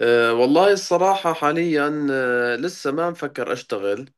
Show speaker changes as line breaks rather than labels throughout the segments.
والله الصراحة حاليا لسه ما مفكر أشتغل،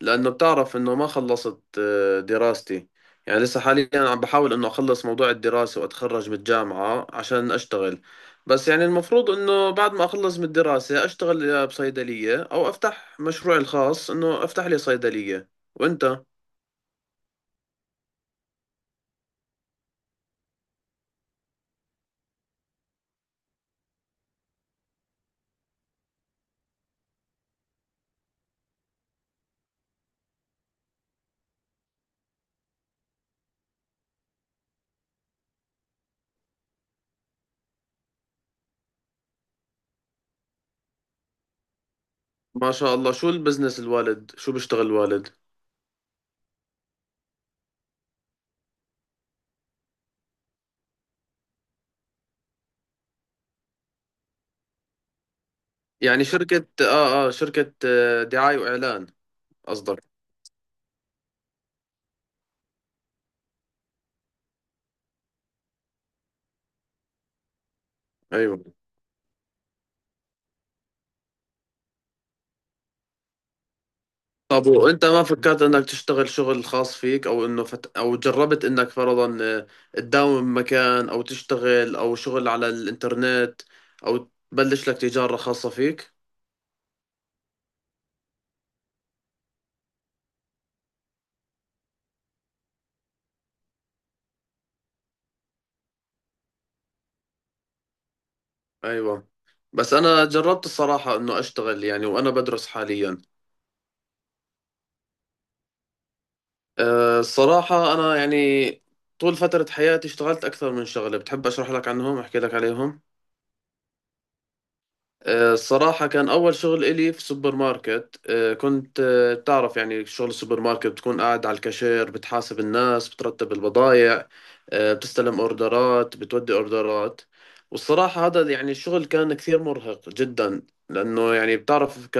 لأنه بتعرف إنه ما خلصت دراستي. يعني لسه حاليا عم بحاول إنه أخلص موضوع الدراسة وأتخرج من الجامعة عشان أشتغل. بس يعني المفروض إنه بعد ما أخلص من الدراسة أشتغل يا بصيدلية أو أفتح مشروعي الخاص إنه أفتح لي صيدلية. وأنت؟ ما شاء الله، شو البزنس الوالد، شو بيشتغل الوالد؟ يعني شركة آه آه شركة آه دعاية وإعلان. قصدك. أيوة. طب وانت ما فكرت انك تشتغل شغل خاص فيك، او انه او جربت انك فرضا، تداوم مكان او تشتغل او شغل على الانترنت او تبلش لك تجارة خاصة فيك. ايوه، بس انا جربت الصراحة انه اشتغل يعني وانا بدرس حاليا. الصراحة انا يعني طول فترة حياتي اشتغلت اكثر من شغلة، بتحب اشرح لك عنهم، احكي لك عليهم؟ الصراحة كان أول شغل إلي في سوبر ماركت. كنت بتعرف يعني شغل السوبر ماركت بتكون قاعد على الكاشير، بتحاسب الناس، بترتب البضائع، بتستلم أوردرات، بتودي أوردرات. والصراحة هذا يعني الشغل كان كثير مرهق جدا، لأنه يعني بتعرف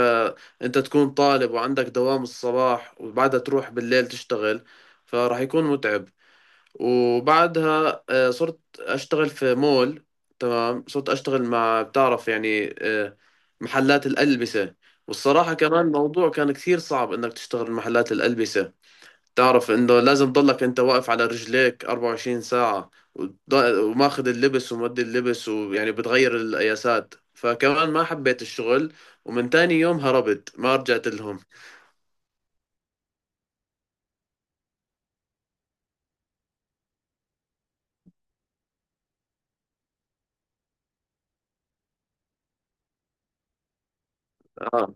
أنت تكون طالب وعندك دوام الصباح وبعدها تروح بالليل تشتغل، فراح يكون متعب. وبعدها صرت أشتغل في مول. تمام، صرت أشتغل مع بتعرف يعني محلات الألبسة. والصراحة كمان الموضوع كان كثير صعب إنك تشتغل محلات الألبسة. تعرف إنه لازم تضلك أنت واقف على رجليك 24 ساعة، وماخذ اللبس ومودي اللبس ويعني بتغير القياسات، فكمان ما حبيت الشغل. ومن تاني يوم هربت، ما رجعت لهم. آه.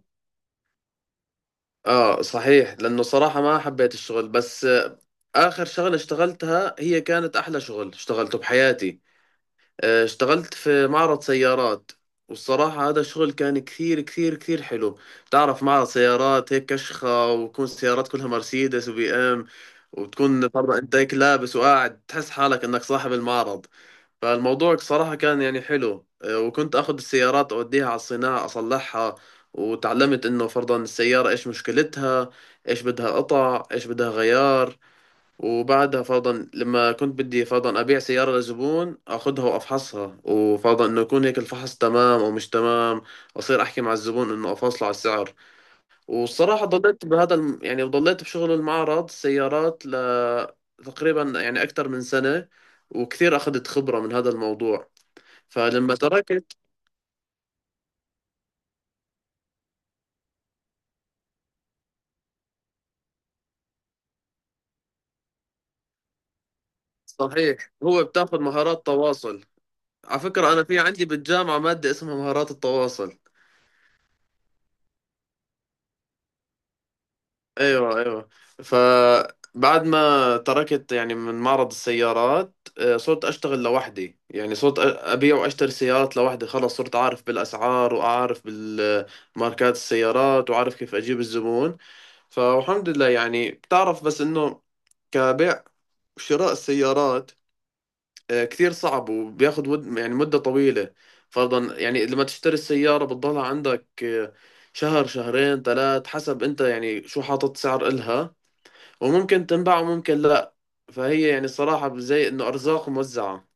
صحيح، لأنه صراحة ما حبيت الشغل. بس آخر شغلة اشتغلتها هي كانت أحلى شغل اشتغلته بحياتي. اشتغلت في معرض سيارات. والصراحة هذا الشغل كان كثير كثير كثير حلو. تعرف معرض سيارات هيك كشخة، وتكون السيارات كلها مرسيدس وبي ام، وتكون برضه انت هيك لابس وقاعد تحس حالك انك صاحب المعرض. فالموضوع صراحة كان يعني حلو. وكنت اخذ السيارات اوديها على الصناعة اصلحها، وتعلمت انه فرضا السيارة ايش مشكلتها، ايش بدها قطع، ايش بدها غيار. وبعدها فرضا لما كنت بدي فرضا أبيع سيارة لزبون، أخذها وأفحصها، وفرضا إنه يكون هيك الفحص تمام أو مش تمام، أصير أحكي مع الزبون إنه أفاصله على السعر. والصراحة ضليت بهذا يعني ضليت بشغل المعرض سيارات تقريبا يعني أكثر من سنة، وكثير أخذت خبرة من هذا الموضوع. فلما تركت. صحيح، هو بتاخذ مهارات تواصل. على فكرة أنا في عندي بالجامعة مادة اسمها مهارات التواصل. ايوه، ايوه. فبعد ما تركت يعني من معرض السيارات، صرت اشتغل لوحدي. يعني صرت ابيع واشتري سيارات لوحدي، خلص صرت عارف بالاسعار واعرف بالماركات السيارات وعارف كيف اجيب الزبون. فالحمد لله، يعني بتعرف بس انه كبيع وشراء السيارات كثير صعب وبياخد ود يعني مدة طويلة. فرضا يعني لما تشتري السيارة بتضلها عندك شهر شهرين ثلاث، حسب انت يعني شو حاطط سعر إلها، وممكن تنباع وممكن لا. فهي يعني الصراحة زي إنه أرزاق موزعة.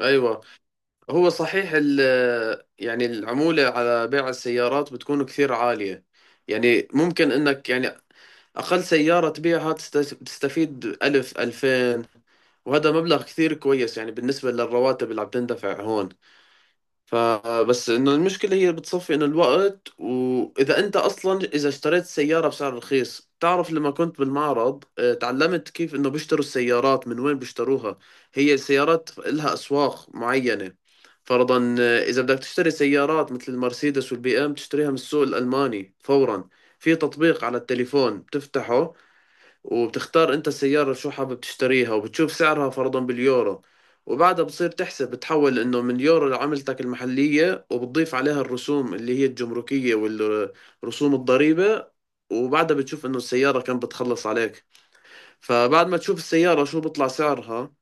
أيوة. هو صحيح يعني العمولة على بيع السيارات بتكون كثير عالية. يعني ممكن إنك يعني أقل سيارة تبيعها تستفيد ألف ألفين، وهذا مبلغ كثير كويس يعني بالنسبة للرواتب اللي عم تندفع هون. فبس انه المشكلة هي بتصفي انه الوقت، واذا انت اصلا اذا اشتريت سيارة بسعر رخيص. تعرف لما كنت بالمعرض تعلمت كيف انه بيشتروا السيارات، من وين بيشتروها. هي السيارات لها اسواق معينة. فرضا، اذا بدك تشتري سيارات مثل المرسيدس والبي ام تشتريها من السوق الالماني فورا. في تطبيق على التليفون بتفتحه، وبتختار انت السيارة شو حابب تشتريها، وبتشوف سعرها فرضا باليورو. وبعدها بتصير تحسب، بتحول انه من يورو لعملتك المحلية، وبتضيف عليها الرسوم اللي هي الجمركية والرسوم الضريبة، وبعدها بتشوف انه السيارة كم بتخلص عليك. فبعد ما تشوف السيارة شو بيطلع سعرها،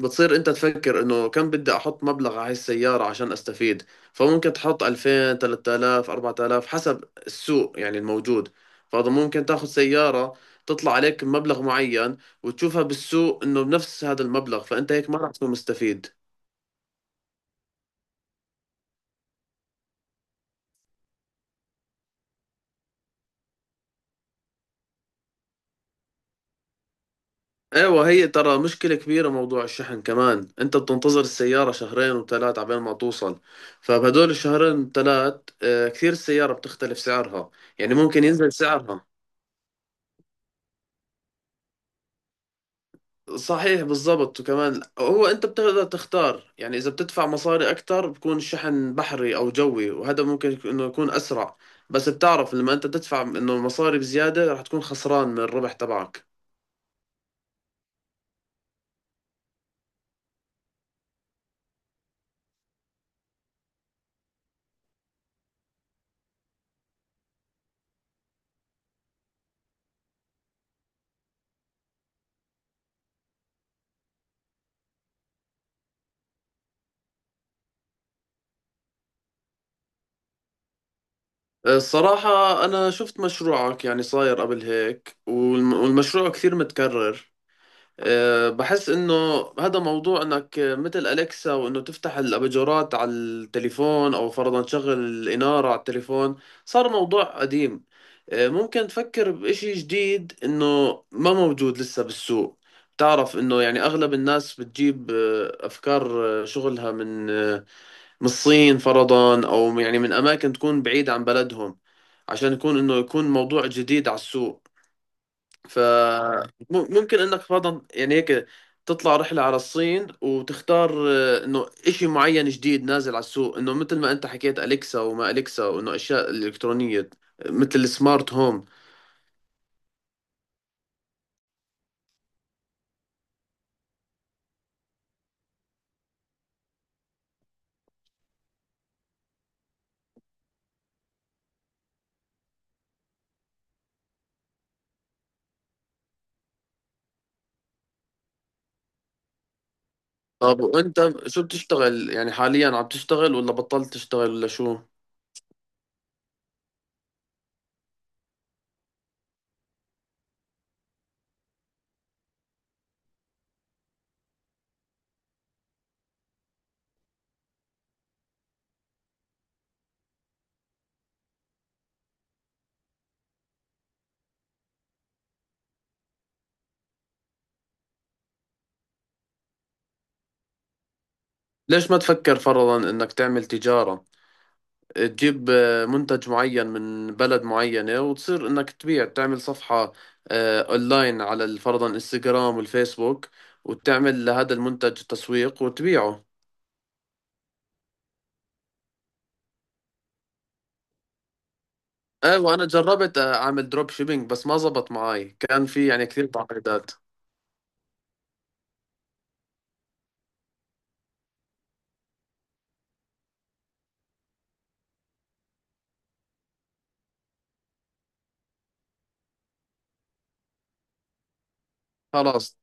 بتصير انت تفكر انه كم بدي احط مبلغ على هاي السيارة عشان استفيد. فممكن تحط 2000 3000 4000 حسب السوق يعني الموجود. فهذا ممكن تاخذ سيارة تطلع عليك مبلغ معين، وتشوفها بالسوق انه بنفس هذا المبلغ، فانت هيك ما راح تكون مستفيد. ايوه، هي ترى مشكلة كبيرة موضوع الشحن كمان، انت بتنتظر السيارة شهرين وثلاث عبين ما توصل. فبهدول الشهرين ثلاث كثير السيارة بتختلف سعرها، يعني ممكن ينزل سعرها. صحيح، بالضبط. وكمان هو انت بتقدر تختار يعني اذا بتدفع مصاري اكثر بكون شحن بحري او جوي، وهذا ممكن انه يكون اسرع. بس بتعرف لما انت تدفع انه مصاري بزيادة رح تكون خسران من الربح تبعك. الصراحة انا شفت مشروعك يعني صاير قبل هيك، والمشروع كثير متكرر. بحس انه هذا موضوع انك مثل اليكسا، وانه تفتح الاباجورات على التليفون او فرضا تشغل الاناره على التليفون، صار موضوع قديم. ممكن تفكر بإشي جديد انه ما موجود لسه بالسوق. بتعرف انه يعني اغلب الناس بتجيب افكار، شغلها من الصين فرضا او يعني من اماكن تكون بعيدة عن بلدهم، عشان يكون انه يكون موضوع جديد على السوق. فممكن انك فرضا يعني هيك تطلع رحلة على الصين وتختار انه اشي معين جديد نازل على السوق، انه مثل ما انت حكيت اليكسا وما اليكسا، وانه اشياء الكترونية مثل السمارت هوم. طب وانت شو بتشتغل، يعني حاليا عم تشتغل ولا بطلت تشتغل ولا شو؟ ليش ما تفكر فرضا انك تعمل تجارة، تجيب منتج معين من بلد معينة وتصير انك تبيع، تعمل صفحة اونلاين على فرضا انستغرام والفيسبوك، وتعمل لهذا المنتج تسويق وتبيعه. ايه، وانا جربت اعمل دروب شيبينج بس ما زبط معي، كان في يعني كثير تعقيدات. خلاص.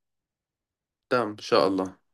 تمام، ان شاء الله.